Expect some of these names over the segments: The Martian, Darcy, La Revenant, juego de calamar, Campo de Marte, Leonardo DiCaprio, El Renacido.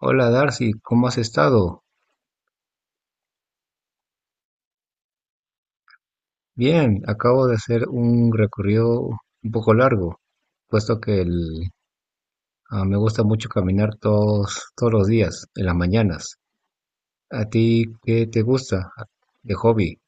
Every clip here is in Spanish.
Hola Darcy, ¿cómo has estado? Bien, acabo de hacer un recorrido un poco largo, puesto que me gusta mucho caminar todos los días, en las mañanas. ¿A ti qué te gusta de hobby?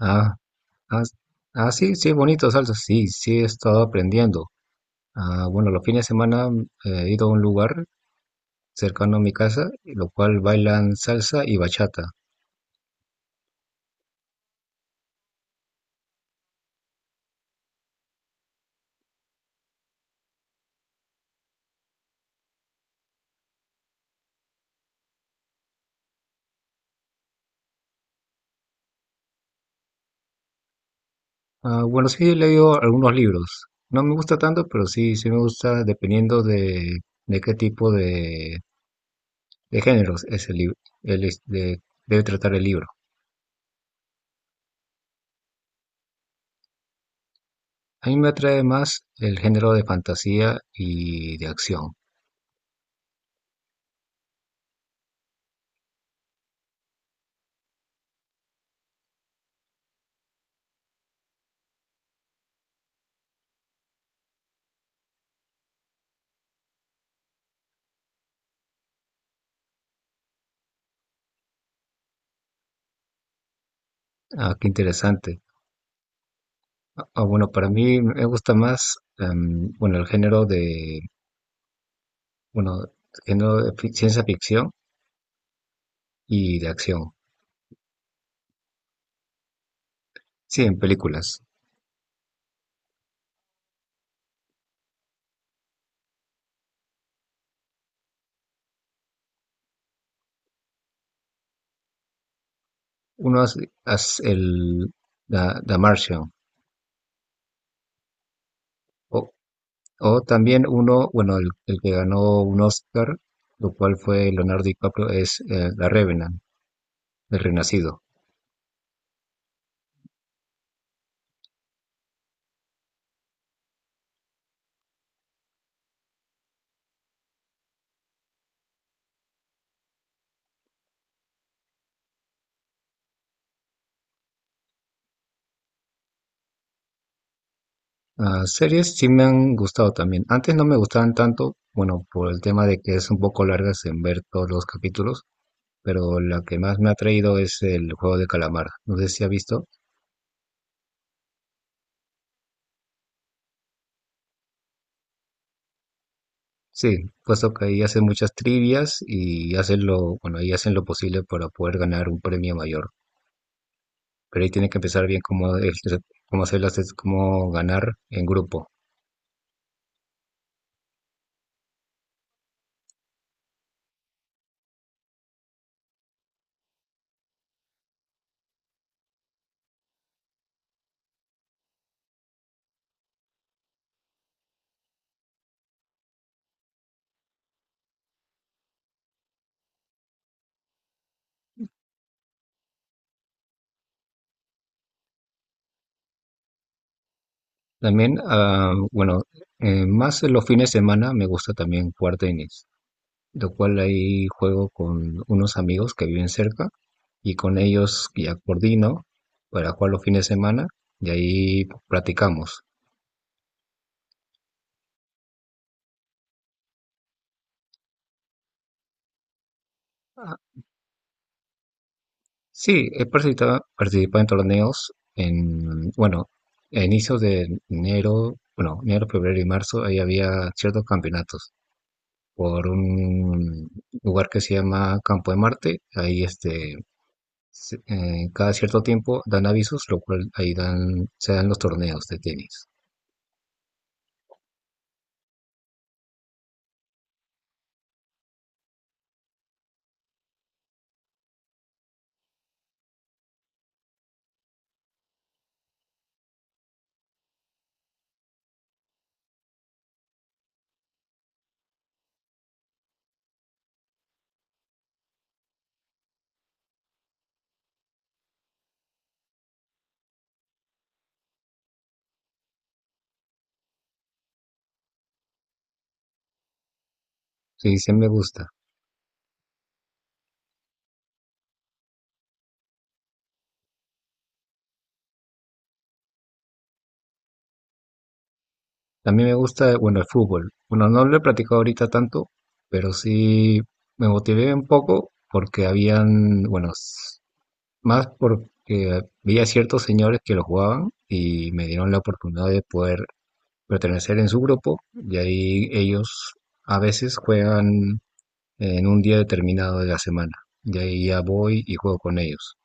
Ah, ah, sí, sí, bonito, salsa. Sí, sí, he estado aprendiendo. Ah, bueno, los fines de semana he ido a un lugar cercano a mi casa, lo cual bailan salsa y bachata. Ah, bueno, sí he leído algunos libros. No me gusta tanto, pero sí, sí me gusta dependiendo de qué tipo de géneros es el libro, debe tratar el libro. A mí me atrae más el género de fantasía y de acción. Ah, qué interesante. Ah, bueno, para mí me gusta más, bueno, el bueno, género de ciencia ficción y de acción. Sí, en películas. Uno hace The Martian. O O también uno, bueno, el que ganó un Oscar, lo cual fue Leonardo DiCaprio, es La Revenant, El Renacido. Ah, series sí me han gustado también. Antes no me gustaban tanto, bueno, por el tema de que es un poco largas en ver todos los capítulos, pero la que más me ha traído es el juego de calamar. No sé si ha visto. Sí, puesto que ahí hacen muchas trivias y hacen lo, bueno, ahí hacen lo posible para poder ganar un premio mayor. Pero ahí tiene que empezar bien cómo, cómo hacer las, cómo ganar en grupo. También, ah, bueno, más en los fines de semana me gusta también jugar tenis, lo cual ahí juego con unos amigos que viven cerca y con ellos ya coordino para jugar los fines de semana y ahí practicamos. Ah, sí, he participado en torneos en, bueno, a inicios de enero, bueno, enero, febrero y marzo, ahí había ciertos campeonatos por un lugar que se llama Campo de Marte, ahí este cada cierto tiempo dan avisos, lo cual ahí dan, se dan los torneos de tenis. Sí, sí me gusta. También me gusta, bueno, el fútbol. Bueno, no lo he practicado ahorita tanto, pero sí me motivé un poco porque habían, bueno, más porque veía ciertos señores que lo jugaban y me dieron la oportunidad de poder pertenecer en su grupo y ahí ellos a veces juegan en un día determinado de la semana. Y ahí ya voy y juego con ellos.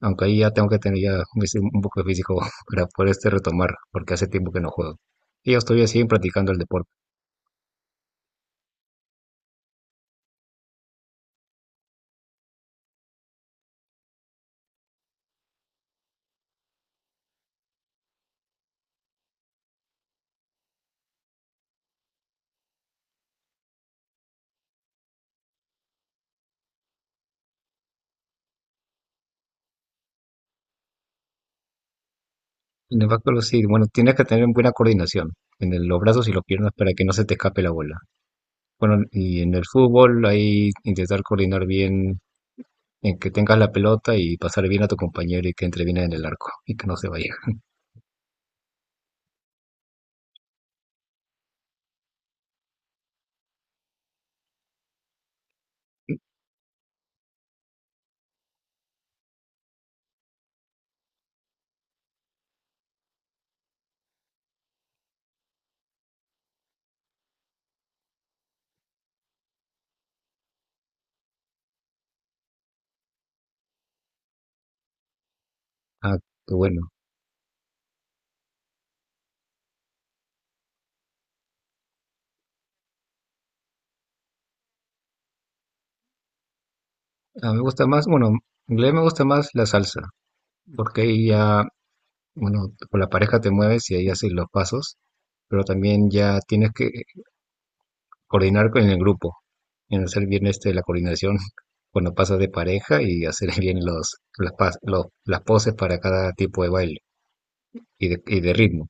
Aunque ahí ya tengo que tener ya un poco de físico para poder este retomar, porque hace tiempo que no juego. Y yo estoy así practicando el deporte. En el backpedal sí, bueno, tienes que tener buena coordinación en los brazos y las piernas para que no se te escape la bola. Bueno, y en el fútbol ahí intentar coordinar bien en que tengas la pelota y pasar bien a tu compañero y que entre bien en el arco y que no se vaya. Ah, qué bueno. A mí me gusta más, bueno, en realidad me gusta más la salsa, porque ahí ya, bueno, con la pareja te mueves y ahí haces los pasos, pero también ya tienes que coordinar con el grupo, en hacer bien este, la coordinación cuando pasas de pareja y hacer bien los, las, pas- los- las poses para cada tipo de baile y de ritmo.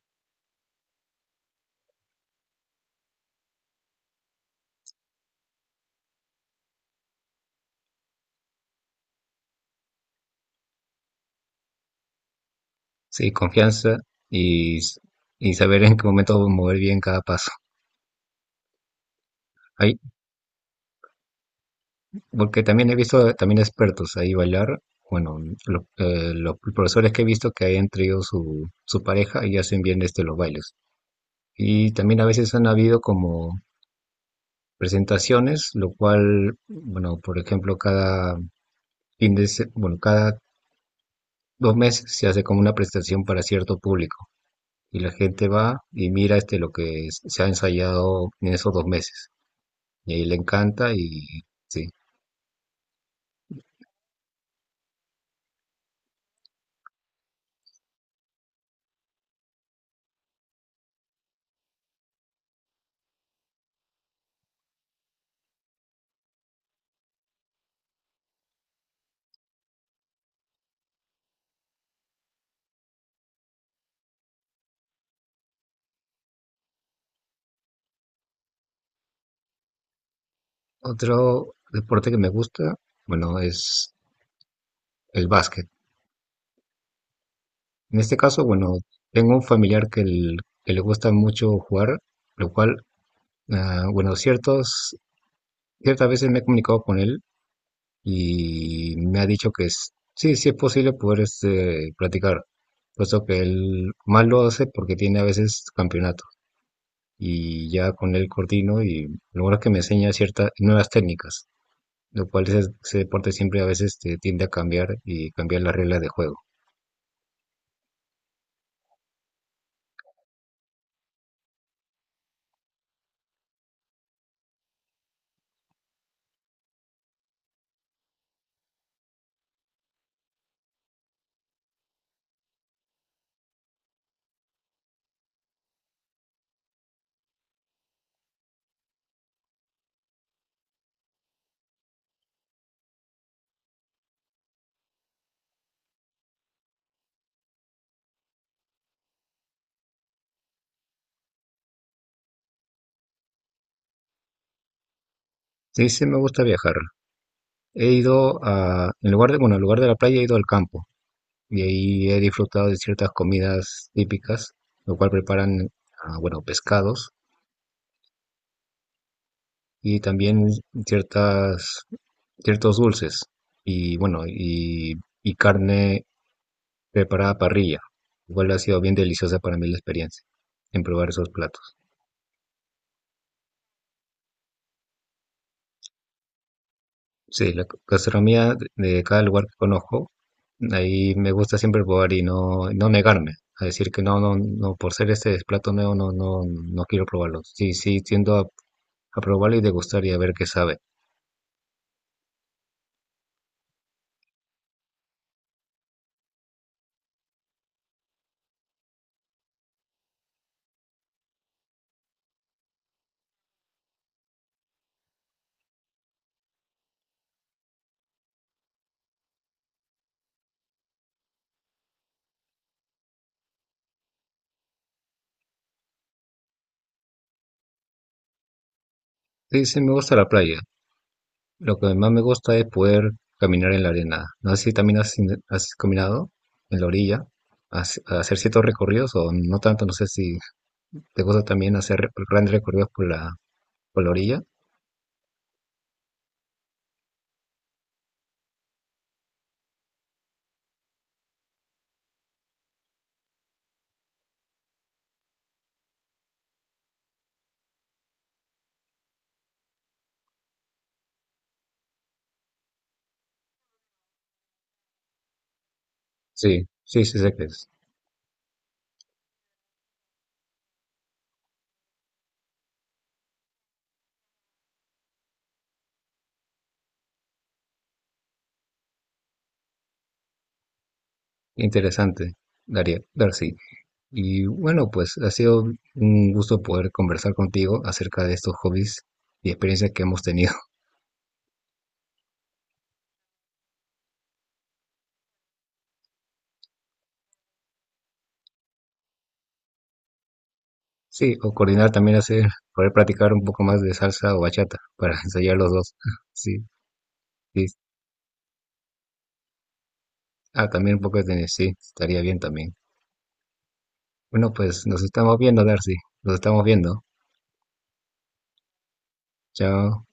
Sí, confianza y, s- y saber en qué momento mover bien cada paso. Ahí, porque también he visto también expertos ahí bailar. Bueno, los profesores que he visto que hayan traído su pareja y hacen bien este, los bailes. Y también a veces han habido como presentaciones, lo cual, bueno, por ejemplo, cada fin de se- bueno, cada dos meses se hace como una presentación para cierto público y la gente va y mira este lo que se ha ensayado en esos dos meses y ahí le encanta y sí. Otro deporte que me gusta, bueno, es el básquet. En este caso, bueno, tengo un familiar que le gusta mucho jugar, lo cual, ah, bueno, ciertas veces me he comunicado con él y me ha dicho sí, sí es posible poder este, practicar, puesto que él más lo hace porque tiene a veces campeonato y ya con él coordino y lo bueno es que me enseña ciertas nuevas técnicas, lo cual ese deporte siempre a veces te tiende a cambiar y cambiar las reglas de juego. Sí, sí me gusta viajar. He en lugar de la playa he ido al campo y ahí he disfrutado de ciertas comidas típicas, lo cual preparan, ah, bueno, pescados y también ciertas, ciertos dulces y y carne preparada a parrilla. Igual ha sido bien deliciosa para mí la experiencia en probar esos platos. Sí, la gastronomía de cada lugar que conozco, ahí me gusta siempre probar y no, no negarme a decir que no, no, no, por ser este plato nuevo no, no, no quiero probarlo. Sí, sí, tiendo a probarlo y degustar y a ver qué sabe. Sí, sí, me gusta la playa. Lo que más me gusta es poder caminar en la arena. No sé si también has caminado en la orilla, a hacer ciertos recorridos o no tanto. No sé si te gusta también hacer grandes recorridos por por la orilla. Sí, sí, sí, sé que es interesante, Daría, Darcy. Y bueno, pues ha sido un gusto poder conversar contigo acerca de estos hobbies y experiencias que hemos tenido. Sí, o coordinar también hacer, poder practicar un poco más de salsa o bachata para ensayar los dos. Sí, sí, ah, también un poco de tenis, sí, estaría bien también. Bueno, pues nos estamos viendo, Darcy. Nos estamos viendo. Chao.